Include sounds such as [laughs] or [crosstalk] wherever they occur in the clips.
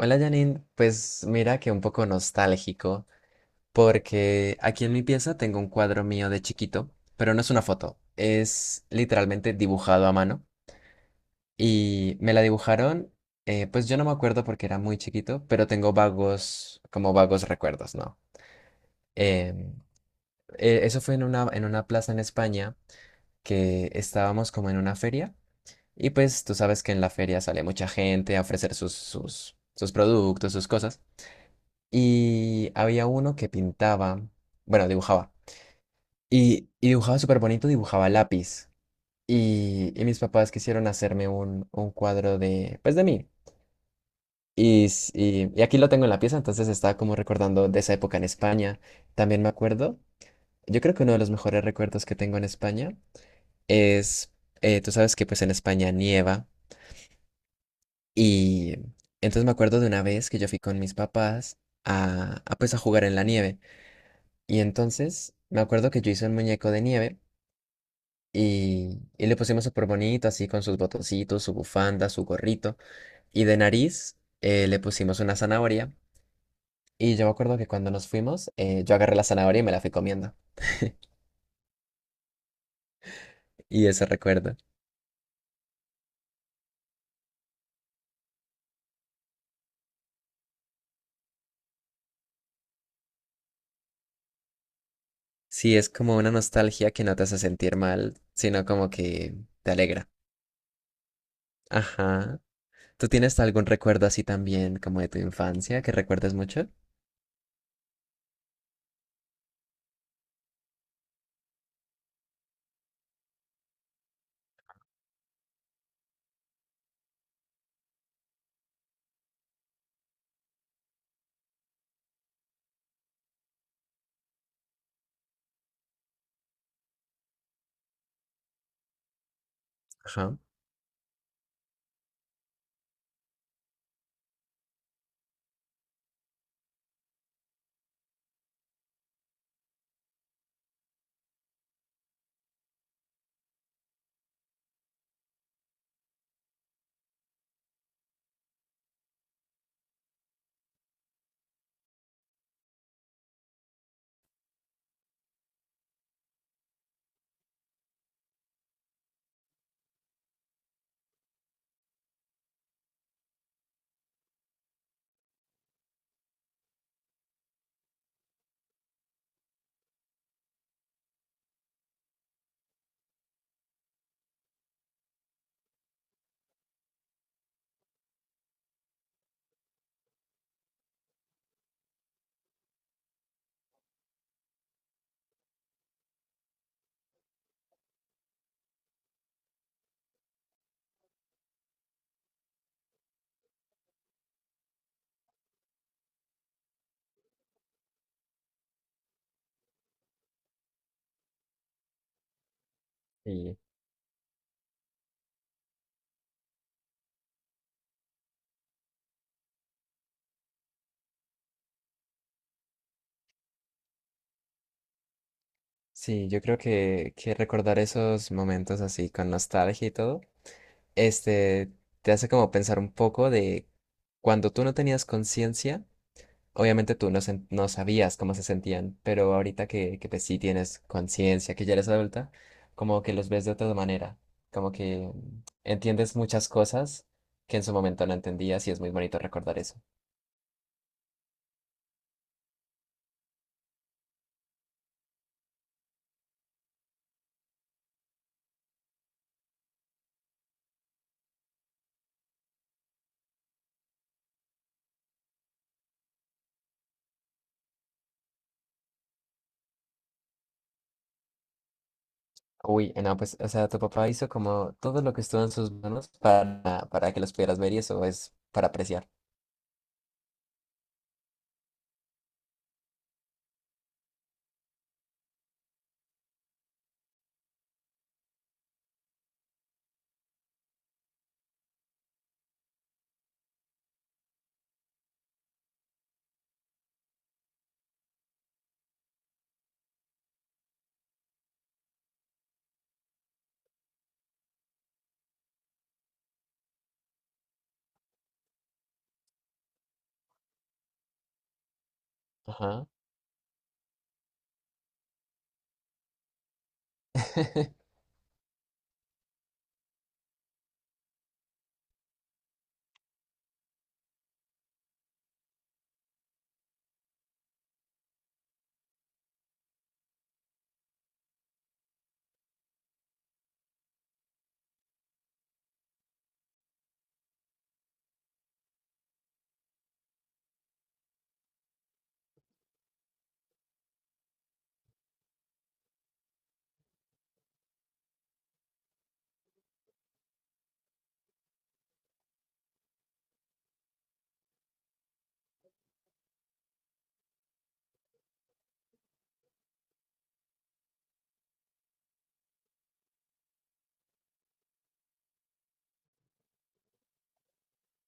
Hola Janine, pues mira que un poco nostálgico, porque aquí en mi pieza tengo un cuadro mío de chiquito, pero no es una foto, es literalmente dibujado a mano y me la dibujaron, pues yo no me acuerdo porque era muy chiquito, pero tengo vagos, como vagos recuerdos, ¿no? Em, eso fue en una plaza en España que estábamos como en una feria y pues tú sabes que en la feria sale mucha gente a ofrecer sus, sus, sus productos, sus cosas. Y había uno que pintaba, bueno, dibujaba. Y dibujaba súper bonito, dibujaba a lápiz. Y mis papás quisieron hacerme un cuadro de, pues de mí. Y aquí lo tengo en la pieza, entonces estaba como recordando de esa época en España. También me acuerdo, yo creo que uno de los mejores recuerdos que tengo en España es, tú sabes que pues en España nieva. Y entonces me acuerdo de una vez que yo fui con mis papás a pues a jugar en la nieve. Y entonces me acuerdo que yo hice un muñeco de nieve y le pusimos súper bonito, así con sus botoncitos, su bufanda, su gorrito. Y de nariz le pusimos una zanahoria. Y yo me acuerdo que cuando nos fuimos, yo agarré la zanahoria y me la fui comiendo. Y ese recuerdo. Sí, es como una nostalgia que no te hace sentir mal, sino como que te alegra. Ajá. ¿Tú tienes algún recuerdo así también, como de tu infancia, que recuerdes mucho? Ajá. Sí. Sí, yo creo que recordar esos momentos así con nostalgia y todo, este, te hace como pensar un poco de cuando tú no tenías conciencia, obviamente tú no, sen- no sabías cómo se sentían, pero ahorita que pues sí tienes conciencia, que ya eres adulta, como que los ves de otra manera, como que entiendes muchas cosas que en su momento no entendías y es muy bonito recordar eso. Uy, no, pues, o sea, tu papá hizo como todo lo que estuvo en sus manos para que los pudieras ver y eso es para apreciar. Ajá. [laughs]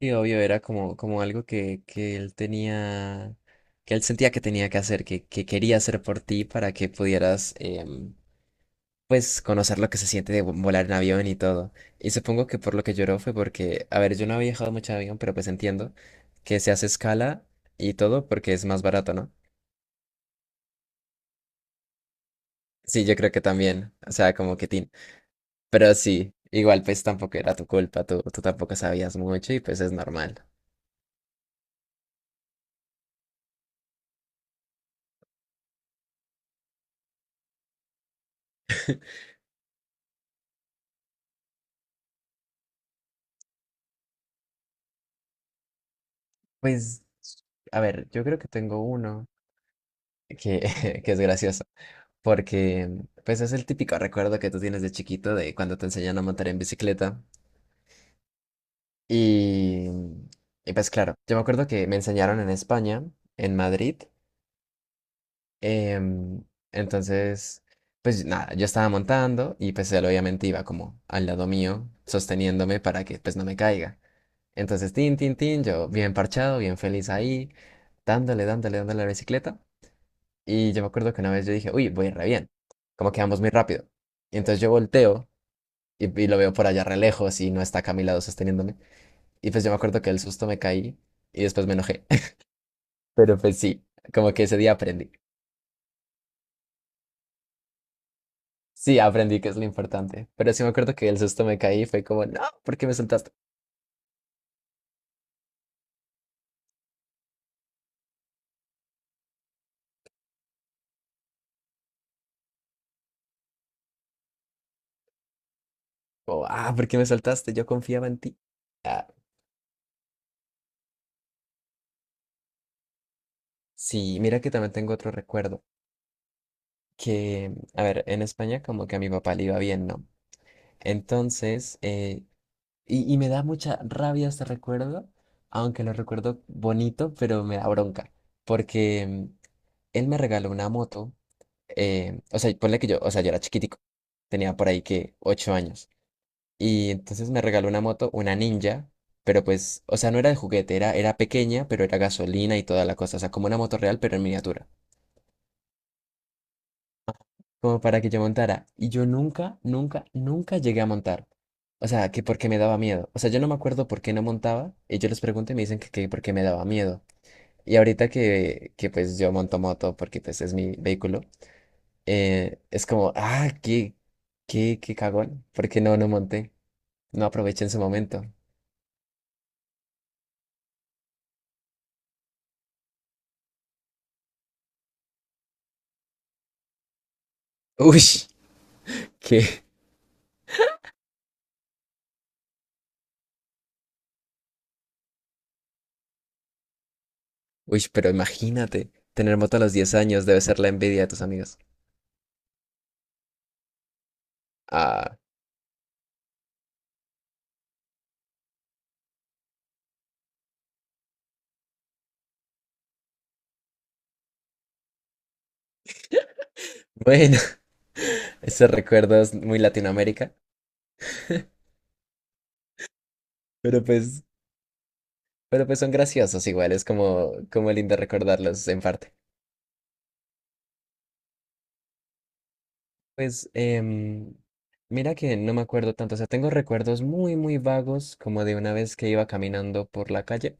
Y obvio era como, como algo que él tenía, que él sentía que tenía que hacer, que quería hacer por ti para que pudieras, pues, conocer lo que se siente de vo- volar en avión y todo. Y supongo que por lo que lloró fue porque, a ver, yo no había viajado mucho en avión, pero pues entiendo que se hace escala y todo porque es más barato, ¿no? Sí, yo creo que también, o sea, como que tin. Pero sí, igual pues tampoco era tu culpa, tú tampoco sabías mucho y pues es normal. Pues, a ver, yo creo que tengo uno que, [laughs] que es gracioso, porque pues es el típico recuerdo que tú tienes de chiquito de cuando te enseñan a montar en bicicleta. Y, mm, y, pues claro, yo me acuerdo que me enseñaron en España, en Madrid. em, entonces, pues nada, yo estaba montando y pues él obviamente iba como al lado mío, sosteniéndome para que pues no me caiga. Entonces, tin, tin, tin, yo bien parchado, bien feliz ahí, dándole, dándole, dándole a la bicicleta. Y yo me acuerdo que una vez yo dije, uy, voy re bien, como que vamos muy rápido. Y entonces yo volteo y lo veo por allá re lejos y no está acá a mi lado sosteniéndome. Y pues yo me acuerdo que el susto me caí y después me enojé. [laughs] Pero pues sí, como que ese día aprendí. Sí, aprendí que es lo importante. Pero sí me acuerdo que el susto me caí y fue como, no, ¿por qué me soltaste? O, ah, ¿por qué me soltaste? Yo confiaba en ti. Ah, sí, mira que también tengo otro recuerdo. Que, a ver, en España como que a mi papá le iba bien, ¿no? Entonces, y me da mucha rabia este recuerdo, aunque lo recuerdo bonito, pero me da bronca, porque él me regaló una moto, o sea, ponle que yo, o sea, yo era chiquitico, tenía por ahí que 8 años, y entonces me regaló una moto, una ninja, pero pues, o sea, no era de juguete, era, era pequeña, pero era gasolina y toda la cosa, o sea, como una moto real, pero en miniatura. Como para que yo montara. Y yo nunca, nunca, nunca llegué a montar. O sea, que porque me daba miedo. O sea, yo no me acuerdo por qué no montaba. Y yo les pregunto y me dicen que porque me daba miedo. Y ahorita que pues yo monto moto porque pues es mi vehículo, es como, ah, qué, qué, qué cagón. Porque no, no monté. No aproveché en su momento. Uy, qué. Uy, pero imagínate, tener moto a los 10 años debe ser la envidia de tus amigos. Ah, bueno, [laughs] esos recuerdos muy Latinoamérica. Pero pues Pero pues son graciosos igual, es como, como lindo recordarlos en parte. Pues mira que no me acuerdo tanto, o sea, tengo recuerdos muy, muy vagos como de una vez que iba caminando por la calle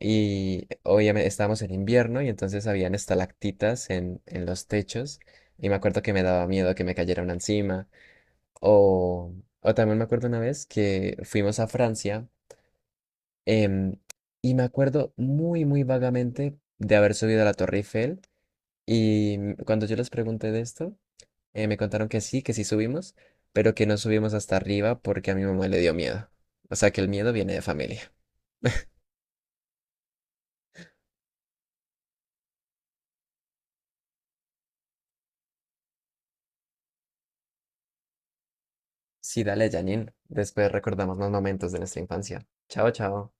y obviamente estábamos en invierno y entonces habían estalactitas en los techos y me acuerdo que me daba miedo que me cayera una encima o, o también me acuerdo una vez que fuimos a Francia em, y me acuerdo muy, muy vagamente de haber subido a la Torre Eiffel. Y cuando yo les pregunté de esto, me contaron que sí subimos, pero que no subimos hasta arriba porque a mi mamá le dio miedo. O sea que el miedo viene de familia. Sí, dale, Janine. Después recordamos más momentos de nuestra infancia. Chao, chao.